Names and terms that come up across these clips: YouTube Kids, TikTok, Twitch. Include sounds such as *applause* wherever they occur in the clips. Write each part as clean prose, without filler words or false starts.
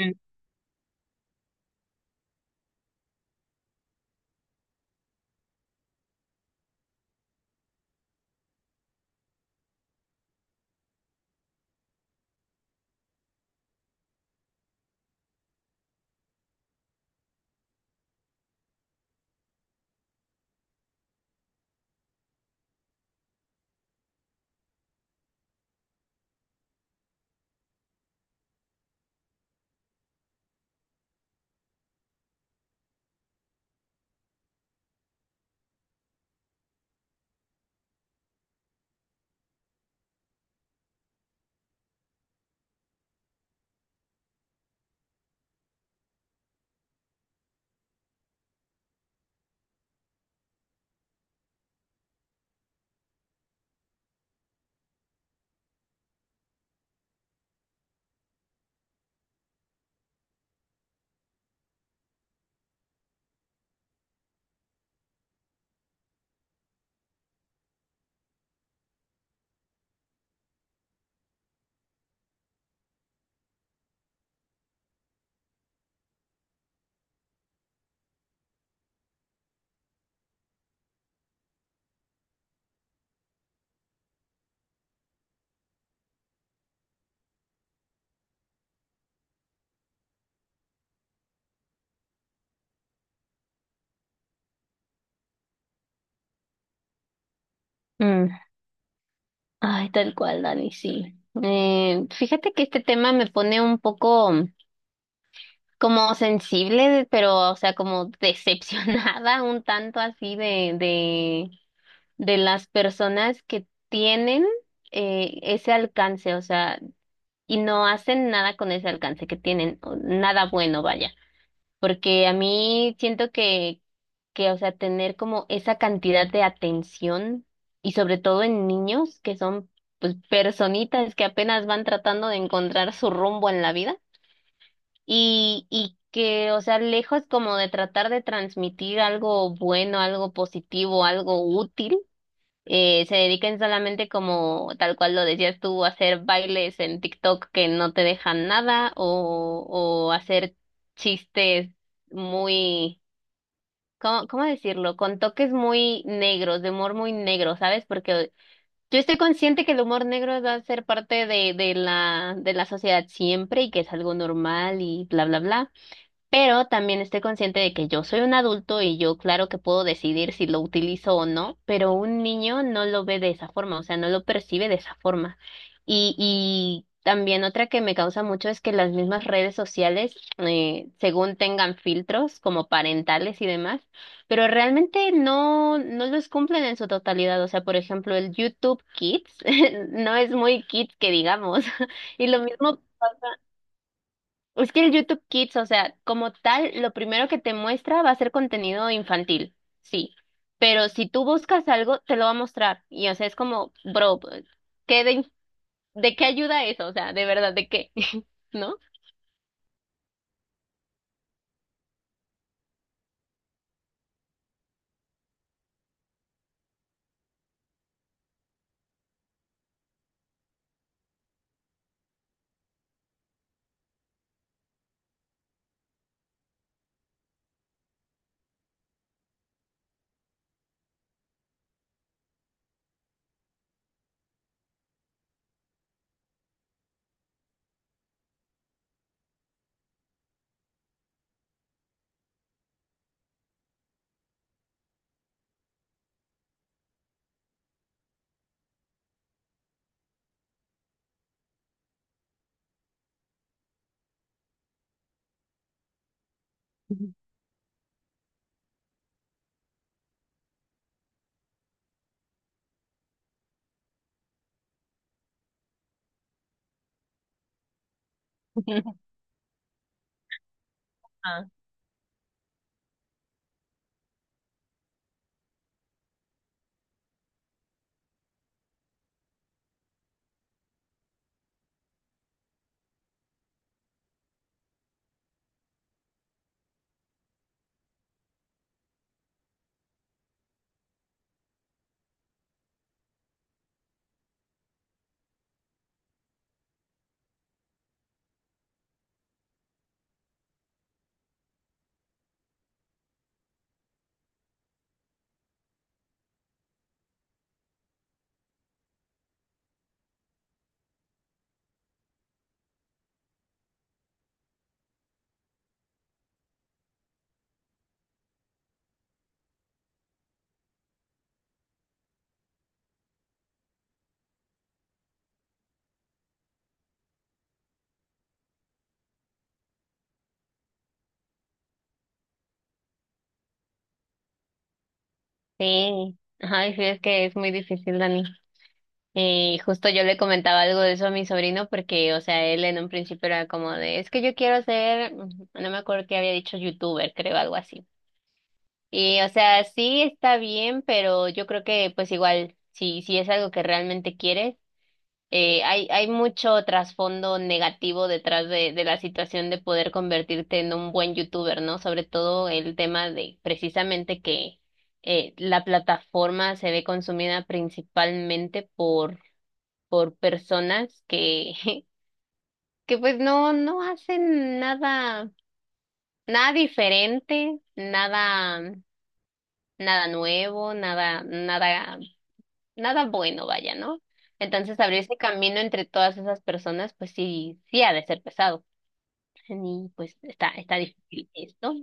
Mm, mm. Ay, tal cual, Dani, sí. Fíjate que este tema me pone un poco como sensible, pero, o sea, como decepcionada *laughs* un tanto así de las personas que tienen ese alcance, o sea, y no hacen nada con ese alcance que tienen, o nada bueno, vaya. Porque a mí siento que, o sea, tener como esa cantidad de atención y sobre todo en niños que son pues personitas que apenas van tratando de encontrar su rumbo en la vida y que, o sea, lejos como de tratar de transmitir algo bueno, algo positivo, algo útil, se dediquen solamente como tal cual lo decías tú, a hacer bailes en TikTok que no te dejan nada o, o hacer chistes muy, ¿cómo, cómo decirlo? Con toques muy negros, de humor muy negro, ¿sabes? Porque yo estoy consciente que el humor negro va a ser parte de la sociedad siempre y que es algo normal y bla, bla, bla. Pero también estoy consciente de que yo soy un adulto y yo claro que puedo decidir si lo utilizo o no, pero un niño no lo ve de esa forma, o sea, no lo percibe de esa forma. Y también otra que me causa mucho es que las mismas redes sociales, según tengan filtros como parentales y demás, pero realmente no, no los cumplen en su totalidad. O sea, por ejemplo, el YouTube Kids *laughs* no es muy kids que digamos. *laughs* Y lo mismo es que el YouTube Kids, o sea, como tal, lo primero que te muestra va a ser contenido infantil, sí. Pero si tú buscas algo, te lo va a mostrar. Y o sea, es como, bro, ¿qué de, ¿de qué ayuda eso? O sea, de verdad, ¿de qué? *laughs* ¿No? Sí. Ay, sí, es que es muy difícil, Dani. Y justo yo le comentaba algo de eso a mi sobrino porque, o sea, él en un principio era como de, es que yo quiero ser, mm, no me acuerdo qué había dicho, youtuber, creo, algo así. Y, o sea, sí está bien, pero yo creo que pues igual, si es algo que realmente quieres, hay mucho trasfondo negativo detrás de la situación de poder convertirte en un buen youtuber, ¿no? Sobre todo el tema de precisamente que la plataforma se ve consumida principalmente por personas que, *laughs* que pues no, no hacen nada, nada diferente, nada. Nada nuevo, nada, nada, nada bueno, vaya, ¿no? Entonces abrirse camino entre todas esas personas, pues sí, sí ha de ser pesado. Y pues está, está difícil esto.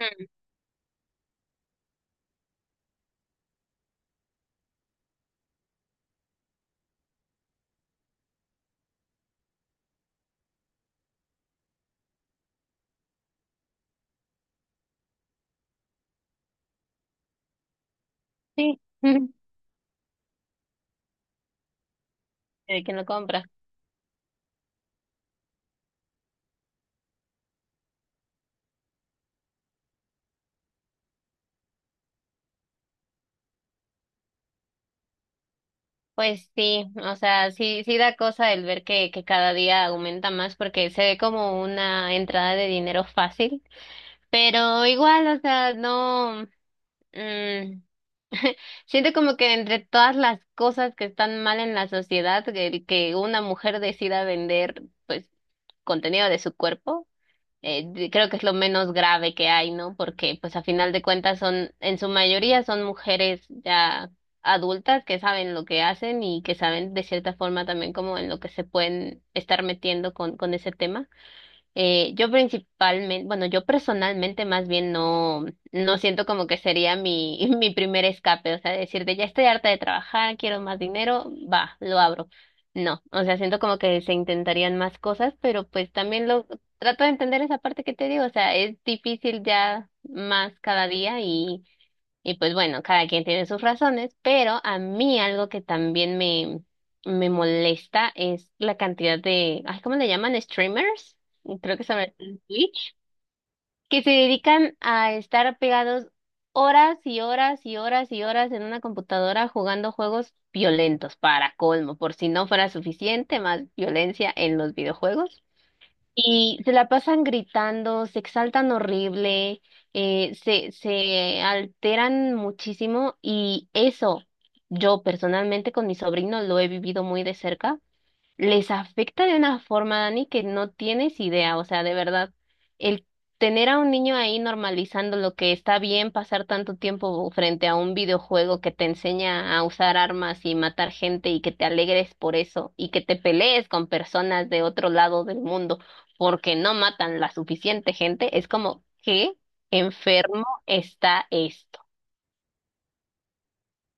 Mm. Sí. *laughs* De que no compra. Pues sí, o sea, sí, sí da cosa el ver que cada día aumenta más porque se ve como una entrada de dinero fácil, pero igual, o sea, no, mm, siento como que entre todas las cosas que están mal en la sociedad, el que una mujer decida vender, pues, contenido de su cuerpo, creo que es lo menos grave que hay, ¿no? Porque, pues, a final de cuentas son, en su mayoría son mujeres ya adultas que saben lo que hacen y que saben de cierta forma también como en lo que se pueden estar metiendo con ese tema. Yo principalmente, bueno, yo personalmente más bien no, no siento como que sería mi, *laughs* mi primer escape, o sea, decirte, ya estoy harta de trabajar, quiero más dinero, va, lo abro. No, o sea, siento como que se intentarían más cosas, pero pues también lo trato de entender esa parte que te digo, o sea, es difícil ya más cada día y pues bueno, cada quien tiene sus razones, pero a mí algo que también me molesta es la cantidad de, ay, ¿cómo le llaman? Streamers, creo que se llama en Twitch, que se dedican a estar pegados horas y horas y horas y horas en una computadora jugando juegos violentos, para colmo, por si no fuera suficiente, más violencia en los videojuegos. Y se la pasan gritando, se exaltan horrible, se alteran muchísimo y eso yo personalmente con mi sobrino lo he vivido muy de cerca, les afecta de una forma, Dani, que no tienes idea, o sea, de verdad, el tener a un niño ahí normalizando lo que está bien pasar tanto tiempo frente a un videojuego que te enseña a usar armas y matar gente y que te alegres por eso y que te pelees con personas de otro lado del mundo porque no matan la suficiente gente, es como, ¿qué enfermo está